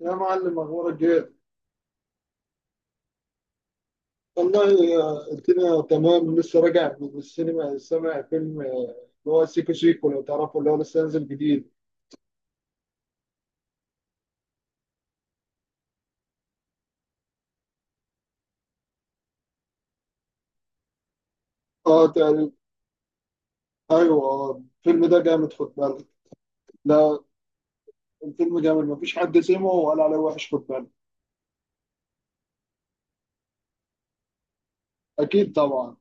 يا معلم، اخبارك ايه؟ والله الدنيا تمام. لسه راجع من السينما. سامع فيلم اللي هو سيكو سيكو؟ لو تعرفه، اللي هو لسه نازل جديد. اه، تقريبا. ايوه، الفيلم ده جامد، خد بالك. لا، الفيلم جامد، مفيش حد سمعه وقال عليه وحش، خد بالك. اكيد طبعا.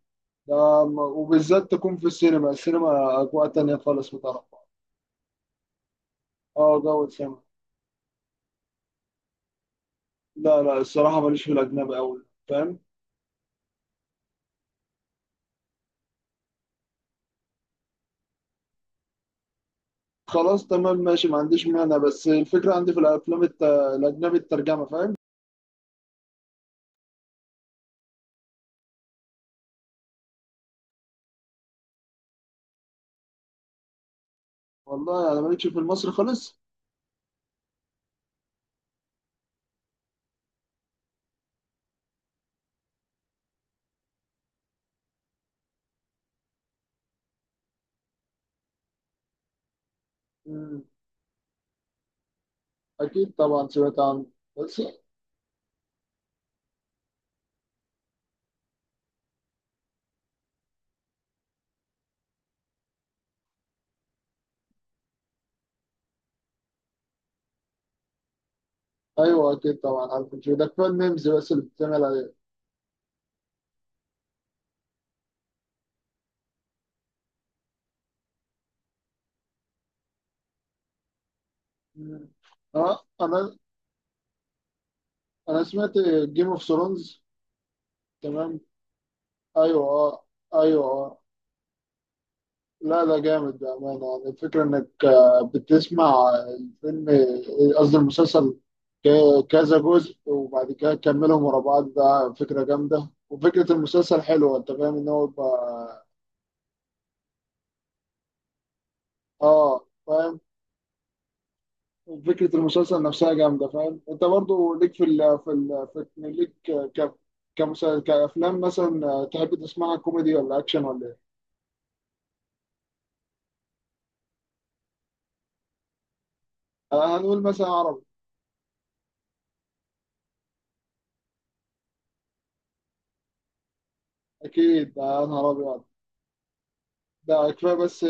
ده وبالذات تكون في السينما. السينما اجواء تانية خالص، بتعرفها. اه، جو السينما. لا لا، الصراحة ماليش في الأجنبي أوي، فاهم. خلاص تمام ماشي، ما عنديش مانع، بس الفكرة عندي في الأفلام الأجنبي الترجمة، فاهم. والله أنا مالكش في المصري خالص. مم. أكيد طبعا، سمعت عنه. بس. أيوه، أكيد طبعا عارف إن ده كفاية الميمز بس اللي بتتعمل عليه. مم. أه أنا أنا سمعت جيم أوف ثرونز، تمام. أيوه، أه. أيوه، أه. لا، ده جامد بأمانة. يعني الفكرة إنك بتسمع الفيلم، قصدي المسلسل، كذا جزء وبعد كده تكملهم ورا بعض. ده فكرة جامدة، وفكرة المسلسل حلوة، أنت فاهم، إن هو يبقى... آه، فاهم. فكرة المسلسل نفسها جامدة، فاهم. أنت برضو ليك في ال في ال في ليك ك كمسلسل، كأفلام مثلا، تحب تسمعها كوميدي ولا أكشن ولا إيه؟ هنقول مثلا عربي. أكيد، يا نهار أبيض. ده كفايه بس.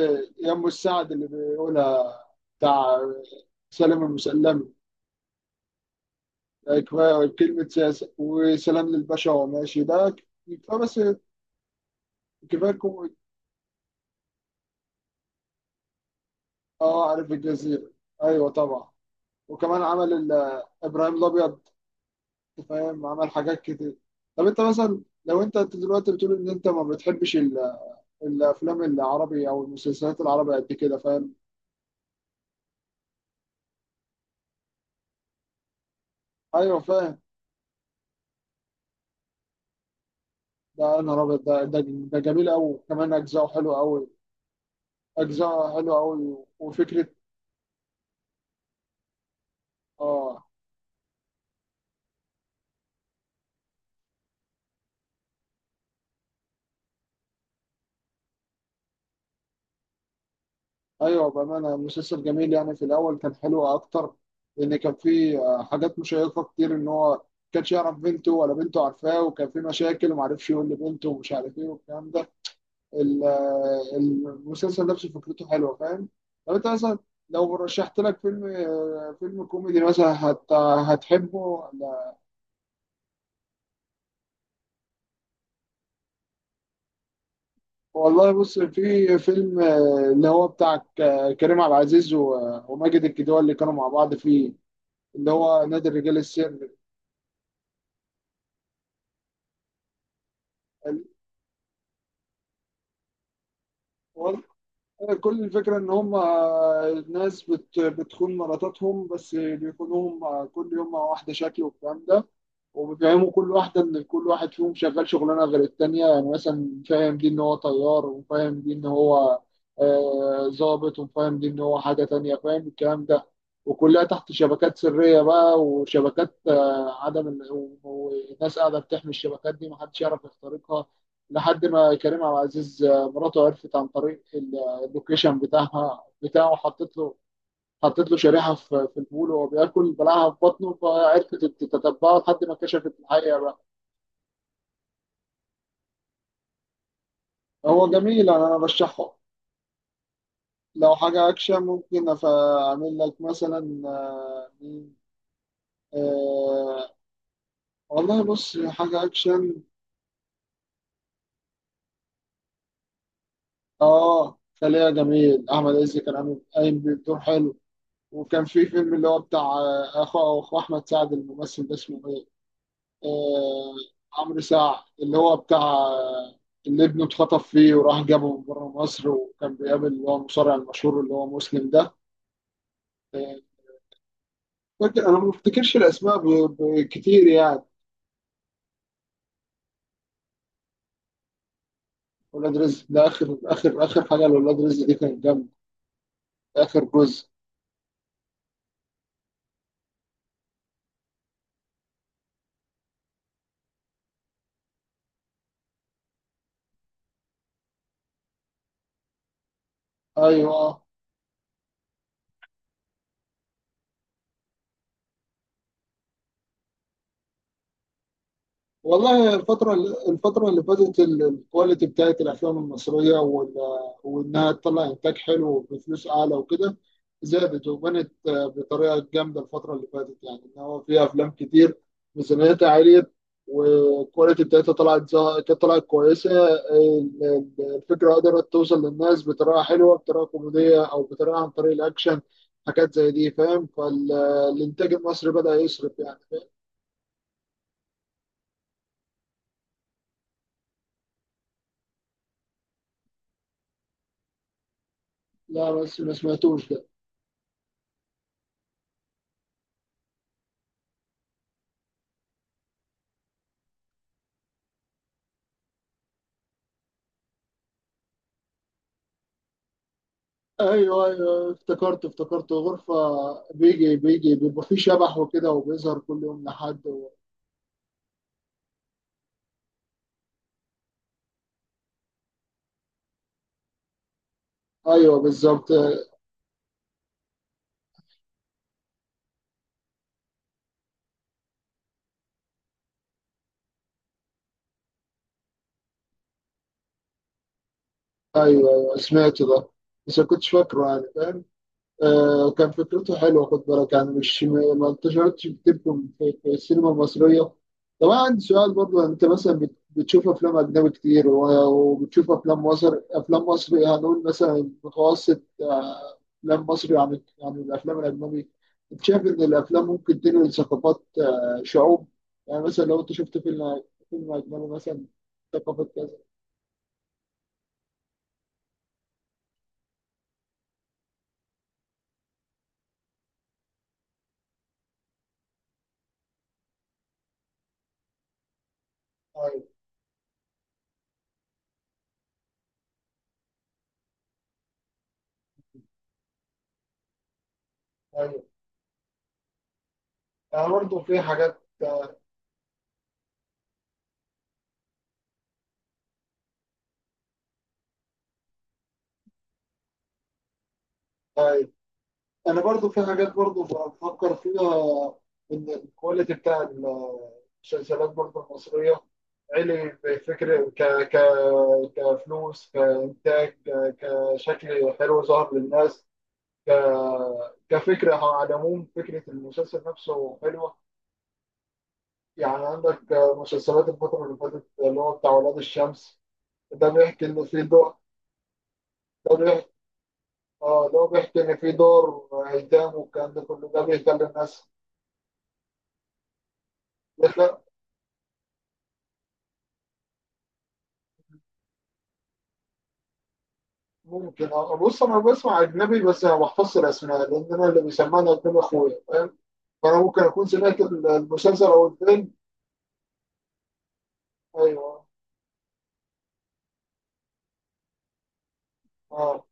يم السعد اللي بيقولها، بتاع سلام المسلمي. ده كفايه، كلمه سياسه وسلام للباشا وهو ماشي، ده كفايه بس، كفايه الكوميدي. اه، عارف الجزيره. ايوه طبعا. وكمان عمل ابراهيم الابيض، أنت فاهم، عمل حاجات كتير. طب انت مثلا، لو انت دلوقتي بتقول ان انت ما بتحبش الافلام العربي او المسلسلات العربية قد كده، فاهم. ايوه، فاهم. ده انا رابط، ده جميل قوي، كمان اجزاءه حلوه قوي. أجزاء حلوة أوي، وفكرة... آه. أيوة بأمانة، مسلسل جميل. يعني في الأول كان حلو أكتر، لأن كان فيه حاجات مشيقة كتير. إن هو كانش يعرف بنته، ولا بنته عارفاه، وكان فيه مشاكل ومعرفش يقول لبنته ومش عارف إيه والكلام ده. المسلسل نفسه فكرته حلوة، فاهم. طب أنت مثلا، لو رشحت لك فيلم فيلم كوميدي مثلا، هتحبه؟ والله بص، في فيلم اللي هو بتاع كريم عبد العزيز وماجد الكدواني، اللي كانوا مع بعض فيه، اللي هو نادي الرجال السري. ال- وال- كل الفكرة إن هم ناس بتخون مراتاتهم، بس بيخونوهم كل يوم مع واحدة شكل والكلام ده. وبيفهموا كل واحدة إن كل واحد فيهم شغال شغلانة غير التانية. يعني مثلا فاهم دي إن هو طيار، وفاهم دي إن هو ضابط، وفاهم دي إن هو حاجة تانية، فاهم الكلام ده. وكلها تحت شبكات سرية بقى، وشبكات عدم وناس قاعدة بتحمي الشبكات دي، محدش يعرف يخترقها، لحد ما كريم عبد العزيز مراته عرفت عن طريق اللوكيشن بتاعها بتاعه. حطت له، حطيت له شريحه في البول، وهو بياكل بلعها في بطنه، فعرفت تتبعه لحد ما كشفت الحقيقه بقى. هو جميل، أنا برشحه. لو حاجه اكشن، ممكن اعمل لك مثلا، مين؟ آه، والله بص، حاجه اكشن. اه، خليها جميل. احمد عز كان عامل قايم بدور حلو. وكان في فيلم اللي هو بتاع اخو احمد سعد، الممثل ده اسمه ايه؟ آه، عمرو سعد. اللي هو بتاع، اللي ابنه اتخطف فيه، وراح جابه من بره مصر، وكان بيقابل اللي هو المصارع المشهور اللي هو مسلم ده. آه، فاكر، انا ما بفتكرش الاسماء كتير يعني. ولاد رزق، ده اخر اخر حاجه. لولاد رزق دي كانت جامده، اخر جزء. ايوه. والله، الفترة، الفترة اللي فاتت الكواليتي بتاعت الأفلام المصرية وإنها تطلع إنتاج حلو بفلوس أعلى وكده، زادت وبنت بطريقة جامدة. الفترة اللي فاتت، يعني إن هو في أفلام كتير ميزانيتها عالية، والكواليتي بتاعتها طلعت طلعت كويسة. الفكرة قدرت توصل للناس بطريقة حلوة، بطريقة كوميدية أو بطريقة عن طريق الأكشن، حاجات زي دي، فاهم. فالإنتاج المصري بدأ يصرف، يعني فاهم؟ لا، بس ما سمعتوش ده. ايوه ايوه، افتكرت غرفة. بيجي بيبقى فيه شبح وكده، وبيظهر كل يوم لحد و... ايوه بالظبط، ايوه. ايوه، سمعت ده، بس ما كنتش فاكره، يعني فاهم. كان فكرته حلوه، خد بالك. يعني مش ما انتشرتش بتبكم في السينما المصريه. طب انا عندي سؤال برضه. انت مثلا بتشوف افلام اجنبي كتير وبتشوف افلام مصر، افلام مصري، هنقول مثلا متوسط افلام مصري عن الافلام الاجنبي. انت شايف ان الافلام ممكن تنقل ثقافات شعوب؟ يعني مثلا لو انت شفت فيلم، فيلم اجنبي مثلا، ثقافه كذا. ايوه. ايوه، يعني برضه في حاجات. آه، انا برضو في حاجات برضو بفكر فيها، ان الكواليتي بتاع المسلسلات برضو المصريه، علي بفكر ك ك كفلوس، كانتاج، كشكل حلو ظهر للناس، ك كفكره. على العموم فكره المسلسل نفسه حلوه. يعني عندك مسلسلات الفتره اللي فاتت اللي هو بتاع ولاد الشمس، ده بيحكي ان في دور. ده بيحكي، اه، ده بيحكي ان في دور ايتام، والكلام ده كله ده بيخلي الناس. ممكن. أه، بص، انا بسمع اجنبي بس ما بحفظش الاسماء، لان انا اللي بيسمعني اجنبي اخويا، فاهم. فانا ممكن اكون سمعت المسلسل او الفيلم. ايوه. اه.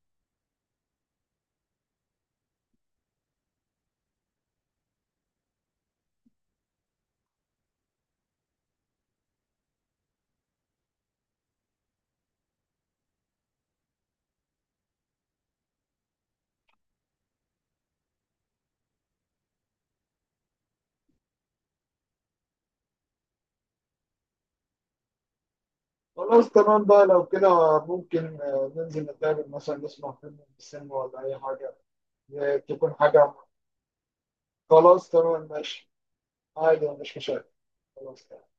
خلاص تمام بقى، لو كده ممكن ننزل نتقابل مثلا، نسمع فيلم في السينما ولا اي حاجه. تكون حاجه. خلاص تمام ماشي، عادي، مش مشاكل. خلاص تمام.